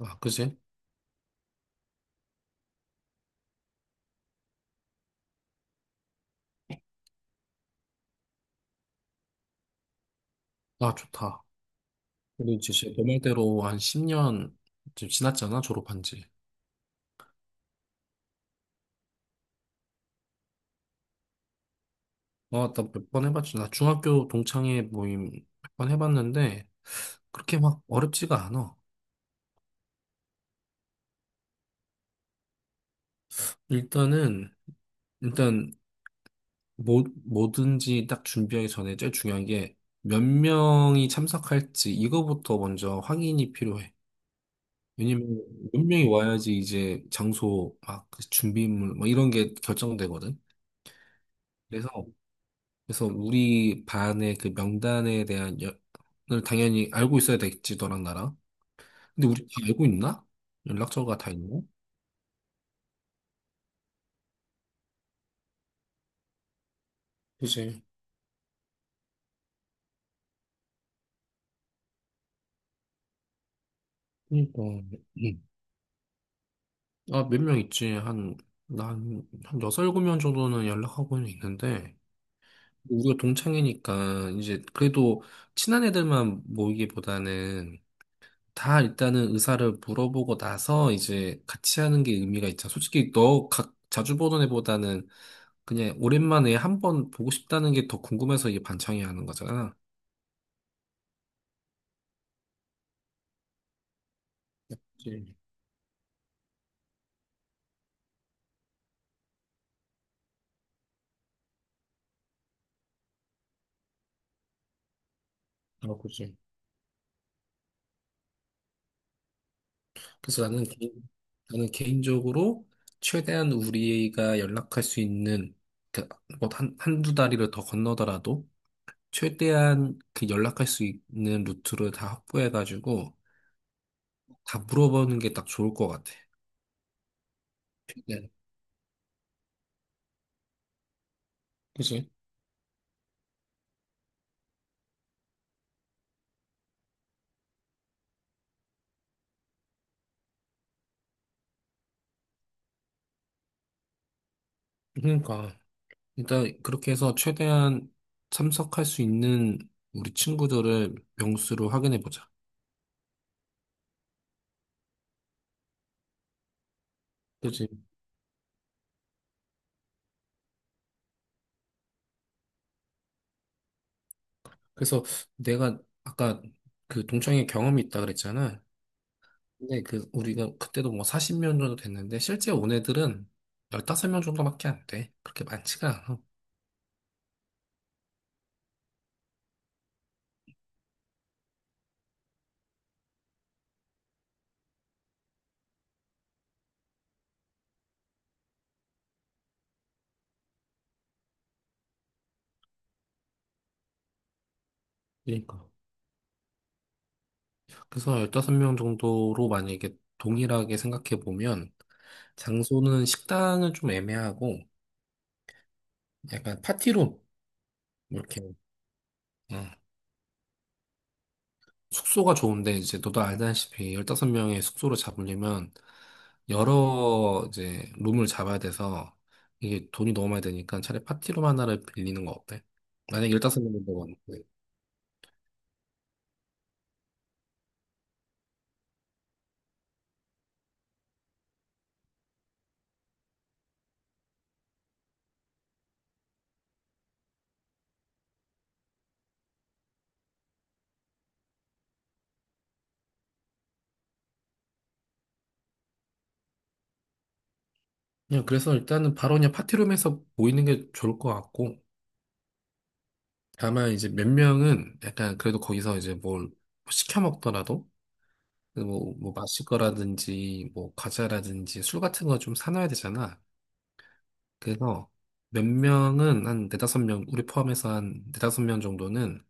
아, 그지? 아, 좋다. 우리 이제 진짜 너 말대로 한 10년 지금 지났잖아, 졸업한 지. 아, 나 몇 번 해봤지. 나 중학교 동창회 모임 몇 번 해봤는데, 그렇게 막 어렵지가 않아. 일단은, 일단, 뭐든지 딱 준비하기 전에 제일 중요한 게, 몇 명이 참석할지, 이거부터 먼저 확인이 필요해. 왜냐면, 몇 명이 와야지 이제 장소, 막, 그 준비물, 뭐 이런 게 결정되거든. 그래서, 그래서 우리 반의 그 명단에 대한 연을 당연히 알고 있어야 되겠지, 너랑 나랑. 근데 우리 다 알고 있나? 연락처가 다 있나? 그지. 그러니까 음. 아, 몇 명 있지. 난한 여섯, 일곱 명 정도는 연락하고는 있는데 우리가 동창이니까 이제 그래도 친한 애들만 모이기보다는 다 일단은 의사를 물어보고 나서 이제 같이 하는 게 의미가 있잖아. 솔직히 너 자주 보던 애보다는 그냥 오랜만에 한 번 보고 싶다는 게 더 궁금해서 이게 반창이 하는 거잖아. 그치. 어, 그치. 그래서 나는 개인적으로 최대한 우리가 연락할 수 있는 그뭐 한두 다리를 더 건너더라도 최대한 그 연락할 수 있는 루트를 다 확보해가지고 다 물어보는 게 딱 좋을 것 같아. 네. 그치. 그러니까 일단 그렇게 해서 최대한 참석할 수 있는 우리 친구들을 명수로 확인해 보자. 그래서 내가 아까 그 동창회 경험이 있다 그랬잖아. 근데 그 우리가 그때도 뭐 40명 정도 됐는데 실제 온 애들은 15명 정도밖에 안 돼. 그렇게 많지가 않아. 그러니까. 그래서 15명 정도로 만약에 동일하게 생각해 보면 장소는 식당은 좀 애매하고 약간 파티룸 이렇게 어, 숙소가 좋은데 이제 너도 알다시피 15명의 숙소를 잡으려면 여러 이제 룸을 잡아야 돼서 이게 돈이 너무 많이 드니까 차라리 파티룸 하나를 빌리는 거 어때? 만약에 15명이라고 하는데 그냥 그래서 일단은 바로 그냥 파티룸에서 모이는 게 좋을 것 같고 다만 이제 몇 명은 약간 그래도 거기서 이제 뭘 시켜 먹더라도 뭐 마실 거라든지 뭐 과자라든지 술 같은 거 좀 사놔야 되잖아. 그래서 몇 명은 한 네다섯 명, 우리 포함해서 한 네다섯 명 정도는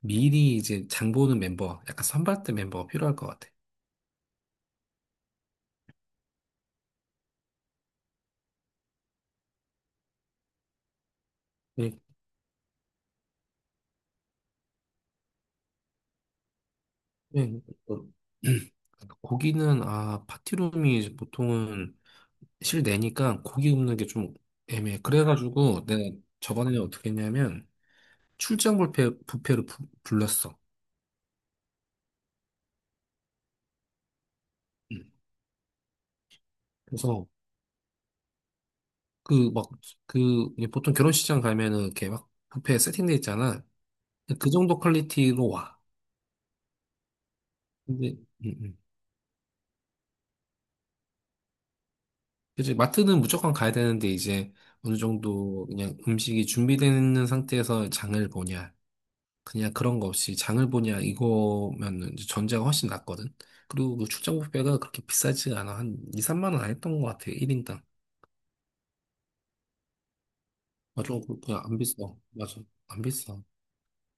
미리 이제 장 보는 멤버, 약간 선발대 멤버가 필요할 것 같아. 네, 네. 어, 고기는, 아, 파티룸이 이제 보통은 실내니까 고기 굽는 게 좀 애매해. 그래가지고 내가 저번에는 어떻게 했냐면 출장 뷔페를 불렀어. 음. 그래서 그 막, 그 보통 결혼식장 가면은 이렇게 막 뷔페 세팅돼 있잖아. 그 정도 퀄리티로 와. 근데, 음, 음. 그치, 마트는 무조건 가야 되는데, 이제 어느 정도 그냥 음식이 준비되는 상태에서 장을 보냐, 그냥 그런 거 없이 장을 보냐, 이거면은 이제 전자가 훨씬 낫거든. 그리고 그 출장 뷔페가 그렇게 비싸지가 않아. 한 2, 3만 원 안 했던 것 같아, 1인당. 그냥 안 비싸. 맞아, 안 비싸.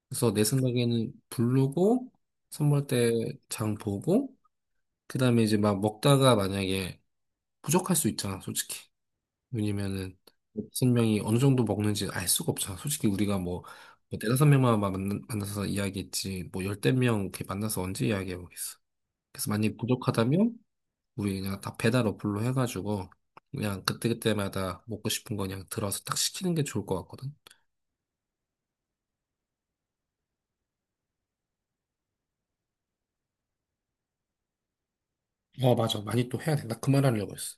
그래서 내 생각에는 부르고, 선물 때 장 보고, 그 다음에 이제 막 먹다가 만약에 부족할 수 있잖아, 솔직히. 왜냐면은 다섯 명이 어느 정도 먹는지 알 수가 없잖아. 솔직히 우리가 뭐 대다섯 명만 만나서 이야기했지 뭐 열댓 명 이렇게 만나서 언제 이야기해보겠어. 그래서 만약에 부족하다면 우리 그냥 다 배달 어플로 해가지고 그냥 그때그때마다 먹고 싶은 거 그냥 들어서 딱 시키는 게 좋을 것 같거든. 어, 맞아. 많이 또 해야 돼. 나 그 말하려고 했어.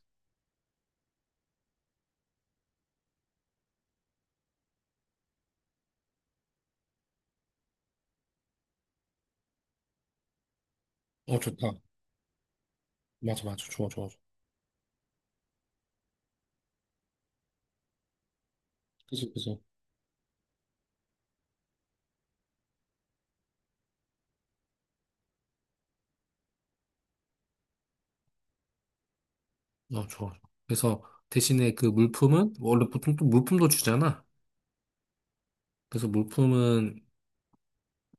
어, 좋다. 맞아, 맞아. 좋아, 좋아, 좋아. 그치, 그치. 어, 좋아. 그래서 대신에 그 물품은 뭐 원래 보통 또 물품도 주잖아. 그래서 물품은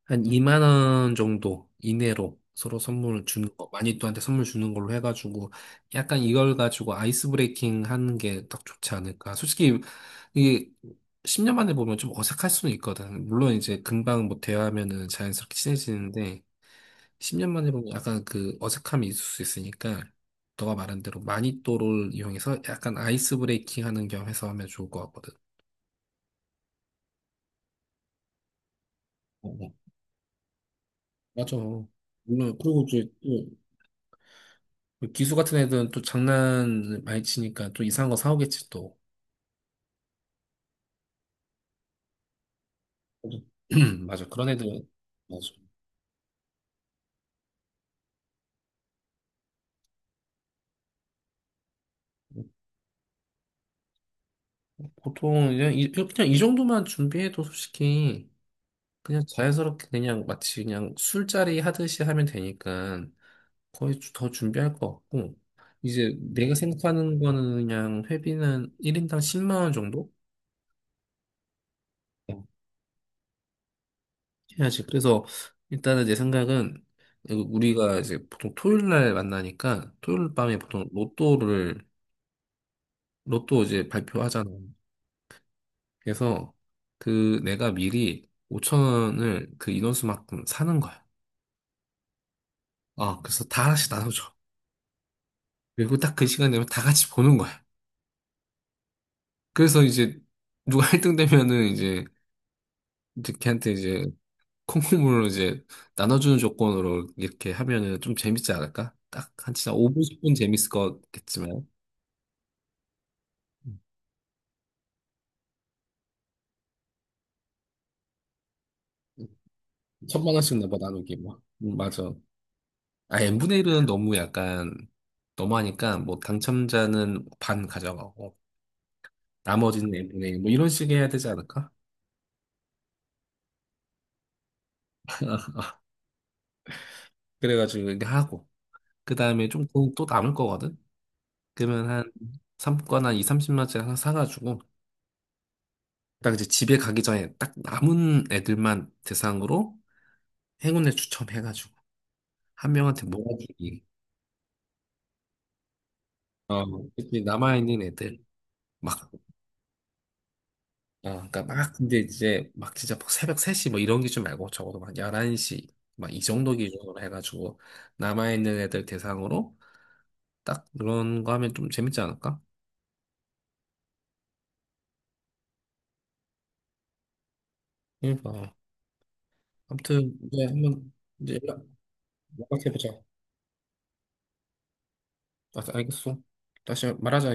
한 2만 원 정도 이내로 서로 선물을 주는 거, 마니또한테 선물 주는 걸로 해가지고 약간 이걸 가지고 아이스 브레이킹 하는 게 딱 좋지 않을까. 솔직히 이게 10년 만에 보면 좀 어색할 수는 있거든. 물론 이제 금방 뭐 대화하면은 자연스럽게 친해지는데 10년 만에 보면 약간 그 어색함이 있을 수 있으니까 너가 말한 대로 마니또를 이용해서 약간 아이스 브레이킹 하는 겸 해서 하면 좋을 것 같거든. 어, 어. 맞아. 물론 그리고 이제 뭐 기수 같은 애들은 또 장난 많이 치니까 또 이상한 거 사오겠지 또. 맞아. 그런 애들은 맞아. 보통 그냥 그냥 이 정도만 준비해도 솔직히 그냥 자연스럽게 그냥 마치 그냥 술자리 하듯이 하면 되니까 거의 더 준비할 것 같고 이제 내가 생각하는 거는 그냥 회비는 1인당 10만 원 정도 어, 해야지. 그래서 일단은 내 생각은 우리가 이제 보통 토요일 날 만나니까 토요일 밤에 보통 로또 이제 발표하잖아. 그래서 그 내가 미리 5천 원을 그 인원수만큼 사는 거야. 아, 그래서 다 하나씩 나눠줘. 그리고 딱 그 시간 되면 다 같이 보는 거야. 그래서 이제 누가 1등 되면은 이제 걔한테 이제 콩콩물로 이제 나눠주는 조건으로 이렇게 하면은 좀 재밌지 않을까? 딱 한 진짜 5분, 10분 재밌을 거겠지만. 천만 원씩 나눠 나누기 뭐. 맞아. 아, n분의 1은 너무 약간, 너무하니까, 뭐, 당첨자는 반 가져가고, 나머지는 n분의 1, 뭐, 이런 식의 해야 되지 않을까? 그래가지고, 이게 하고, 그 다음에 좀 또 남을 거거든? 그러면 한, 3권 한 2, 30만짜리 하나 사가지고, 딱 이제 집에 가기 전에 딱 남은 애들만 대상으로 행운을 추첨해가지고, 한 명한테 몰아주기. 어, 특히 남아있는 애들. 막 아, 그러니까 막 근데 이제 막 진짜 막 새벽 3시 뭐 이런 기준 말고 적어도 막 11시 막 이 정도 기준으로 해가지고 남아있는 애들 대상으로 딱 그런 거 하면 좀 재밌지 않을까? 그러니까 아무튼 이제 한번 이제 연락해보자. 아, 알겠어. 다시 말하자.